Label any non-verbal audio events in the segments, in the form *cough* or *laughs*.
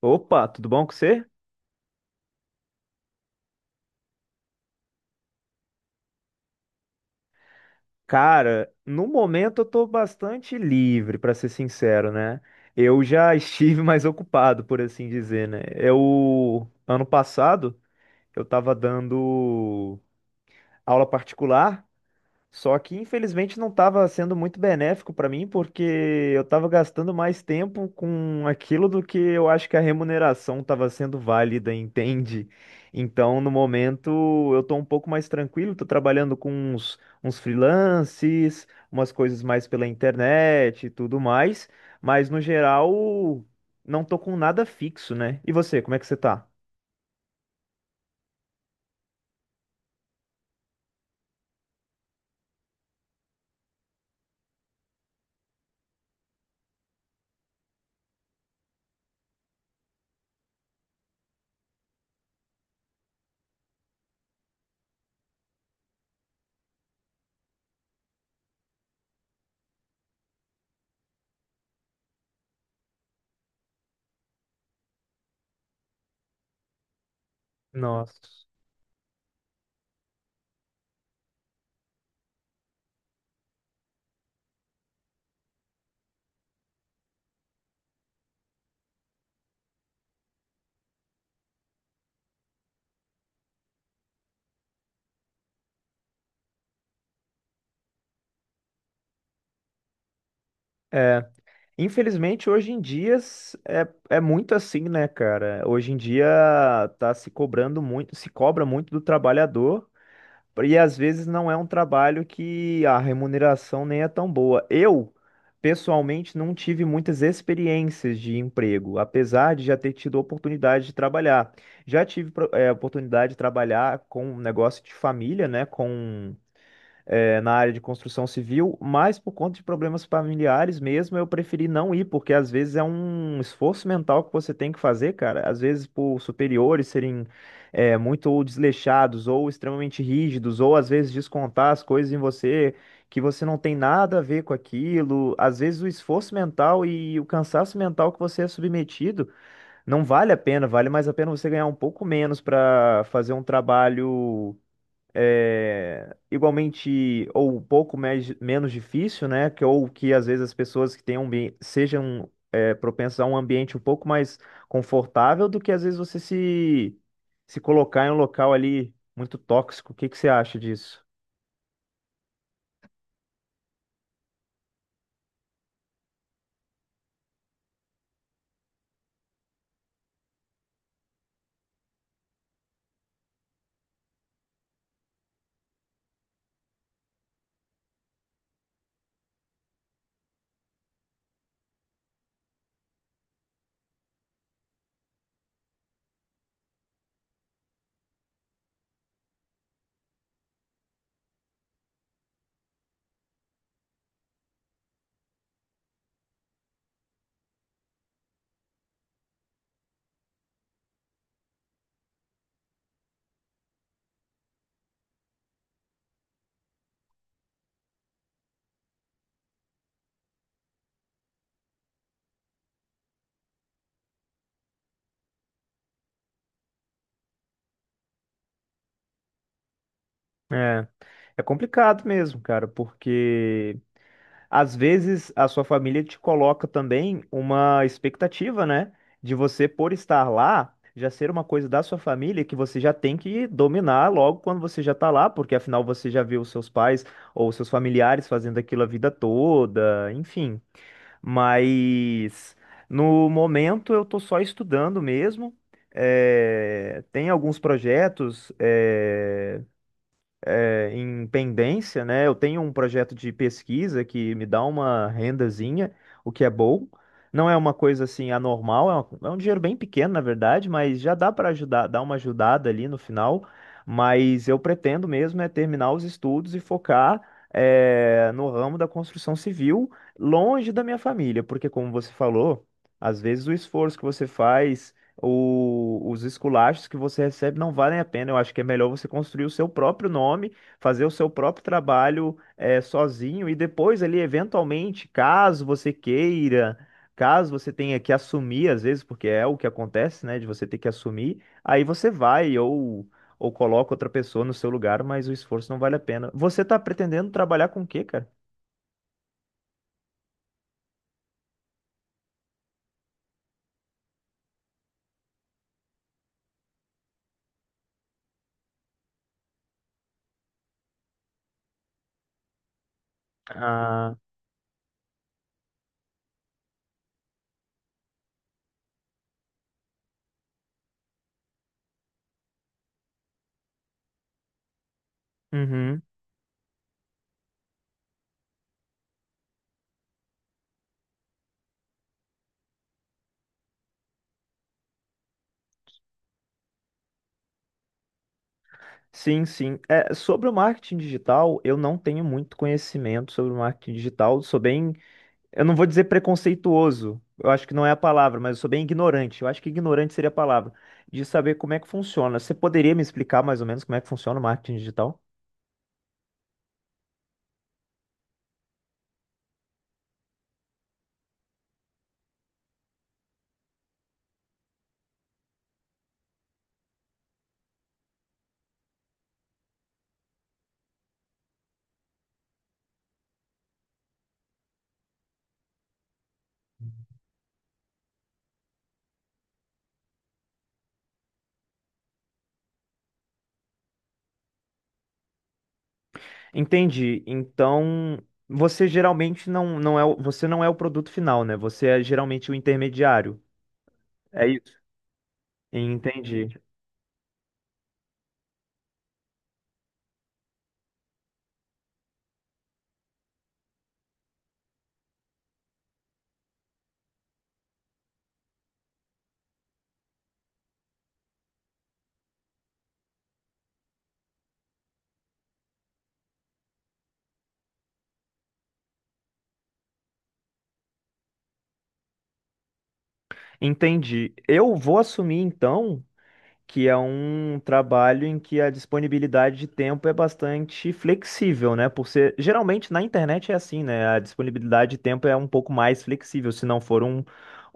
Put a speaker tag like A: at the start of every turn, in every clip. A: Opa, tudo bom com você? Cara, no momento eu tô bastante livre, pra ser sincero, né? Eu já estive *laughs* mais ocupado, por assim dizer, né? Eu, ano passado, eu tava dando aula particular. Só que infelizmente não estava sendo muito benéfico para mim, porque eu estava gastando mais tempo com aquilo do que eu acho que a remuneração estava sendo válida, entende? Então, no momento, eu estou um pouco mais tranquilo, estou trabalhando com uns freelances, umas coisas mais pela internet e tudo mais, mas no geral, não estou com nada fixo, né? E você, como é que você tá? Nossa. Infelizmente, hoje em dia é, é muito assim, né, cara? Hoje em dia tá se cobrando muito, se cobra muito do trabalhador, e às vezes não é um trabalho que a remuneração nem é tão boa. Eu, pessoalmente, não tive muitas experiências de emprego, apesar de já ter tido oportunidade de trabalhar. Já tive oportunidade de trabalhar com um negócio de família, né? Com na área de construção civil, mas por conta de problemas familiares mesmo, eu preferi não ir, porque às vezes é um esforço mental que você tem que fazer, cara. Às vezes por superiores serem muito desleixados ou extremamente rígidos, ou às vezes descontar as coisas em você que você não tem nada a ver com aquilo. Às vezes o esforço mental e o cansaço mental que você é submetido não vale a pena, vale mais a pena você ganhar um pouco menos para fazer um trabalho é, igualmente ou um pouco mais, menos difícil, né? Que, ou que às vezes as pessoas que têm um sejam é, propensas a um ambiente um pouco mais confortável do que às vezes você se, se colocar em um local ali muito tóxico. O que que você acha disso? É, é complicado mesmo, cara, porque às vezes a sua família te coloca também uma expectativa, né? De você, por estar lá, já ser uma coisa da sua família que você já tem que dominar logo quando você já tá lá, porque afinal você já viu os seus pais ou seus familiares fazendo aquilo a vida toda, enfim. Mas no momento eu tô só estudando mesmo. Tem alguns projetos, em pendência, né? Eu tenho um projeto de pesquisa que me dá uma rendazinha, o que é bom. Não é uma coisa assim anormal, é um dinheiro bem pequeno, na verdade, mas já dá para ajudar, dar uma ajudada ali no final. Mas eu pretendo mesmo é terminar os estudos e focar no ramo da construção civil, longe da minha família, porque como você falou, às vezes o esforço que você faz os esculachos que você recebe não valem a pena. Eu acho que é melhor você construir o seu próprio nome, fazer o seu próprio trabalho sozinho e depois ali, eventualmente, caso você queira, caso você tenha que assumir, às vezes, porque é o que acontece, né, de você ter que assumir, aí você vai, ou ou, coloca outra pessoa no seu lugar, mas o esforço não vale a pena. Você tá pretendendo trabalhar com o quê, cara? Ah, uhum. Sim, sim. É, sobre o marketing digital, eu não tenho muito conhecimento sobre o marketing digital. Sou bem, eu não vou dizer preconceituoso, eu acho que não é a palavra, mas eu sou bem ignorante. Eu acho que ignorante seria a palavra, de saber como é que funciona. Você poderia me explicar mais ou menos como é que funciona o marketing digital? Entendi. Então, você geralmente não é, você não é o produto final, né? Você é geralmente o intermediário. É isso. Entendi. Entendi. Eu vou assumir então que é um trabalho em que a disponibilidade de tempo é bastante flexível, né? Por ser, geralmente na internet é assim, né? A disponibilidade de tempo é um pouco mais flexível, se não for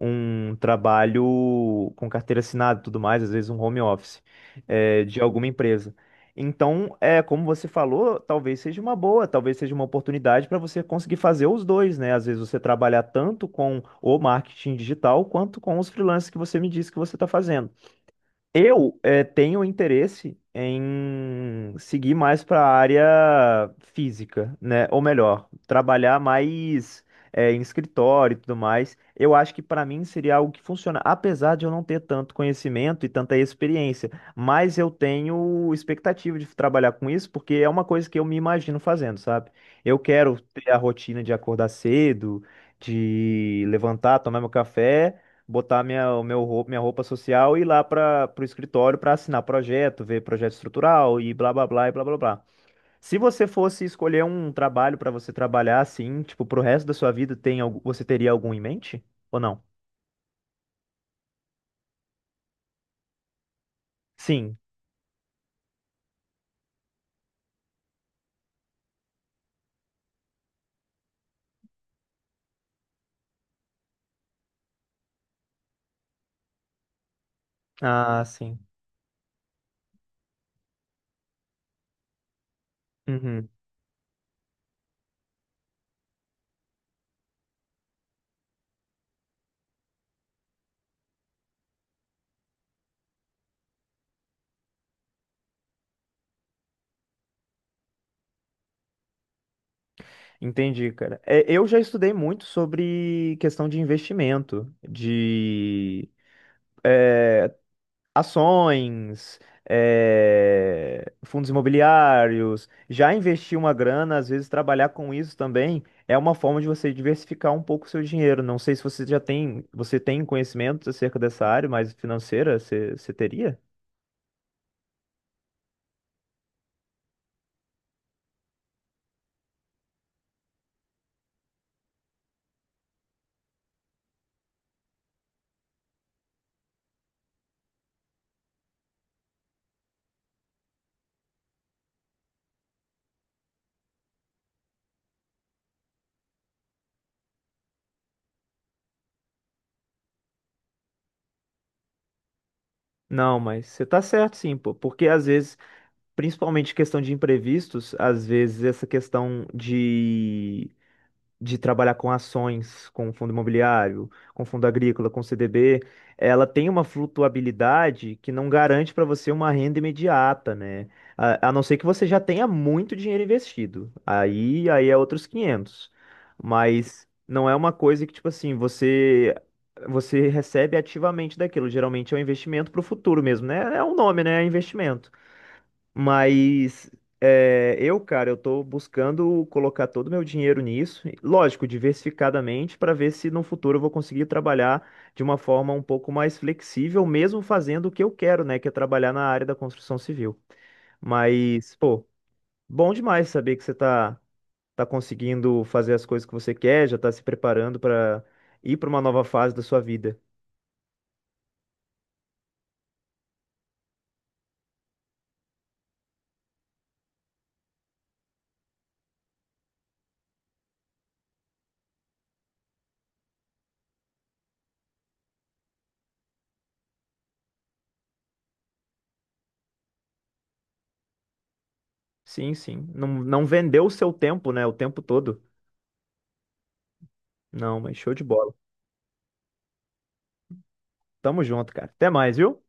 A: um trabalho com carteira assinada e tudo mais, às vezes um home office, de alguma empresa. Então, é, como você falou, talvez seja uma boa, talvez seja uma oportunidade para você conseguir fazer os dois, né? Às vezes você trabalhar tanto com o marketing digital quanto com os freelancers que você me disse que você está fazendo. Eu tenho interesse em seguir mais para a área física, né? Ou melhor, trabalhar mais em escritório e tudo mais. Eu acho que para mim seria algo que funciona, apesar de eu não ter tanto conhecimento e tanta experiência. Mas eu tenho expectativa de trabalhar com isso, porque é uma coisa que eu me imagino fazendo, sabe? Eu quero ter a rotina de acordar cedo, de levantar, tomar meu café, botar minha roupa social e ir lá para o escritório para assinar projeto, ver projeto estrutural e blá blá blá e blá blá blá. Se você fosse escolher um trabalho para você trabalhar assim, tipo, pro resto da sua vida, tem você teria algum em mente? Ou não? Sim. Ah, sim. Uhum. Entendi, cara. É, eu já estudei muito sobre questão de investimento, de ações, fundos imobiliários, já investir uma grana, às vezes trabalhar com isso também é uma forma de você diversificar um pouco o seu dinheiro. Não sei se você já tem, você tem conhecimento acerca dessa área, mas financeira, você teria? Não, mas você tá certo sim, pô, porque às vezes, principalmente questão de imprevistos, às vezes essa questão de trabalhar com ações, com fundo imobiliário, com fundo agrícola, com CDB, ela tem uma flutuabilidade que não garante para você uma renda imediata, né? A não ser que você já tenha muito dinheiro investido. Aí é outros 500. Mas não é uma coisa que, tipo assim, você recebe ativamente daquilo. Geralmente é um investimento para o futuro mesmo, né? É um nome, né? É investimento. Mas é, eu, cara, eu tô buscando colocar todo o meu dinheiro nisso, e, lógico, diversificadamente, para ver se no futuro eu vou conseguir trabalhar de uma forma um pouco mais flexível, mesmo fazendo o que eu quero, né, que é trabalhar na área da construção civil. Mas, pô, bom demais saber que tá conseguindo fazer as coisas que você quer, já tá se preparando para ir para uma nova fase da sua vida. Sim, sim. Não, não vendeu o seu tempo, né, o tempo todo. Não, mas show de bola. Tamo junto, cara. Até mais, viu?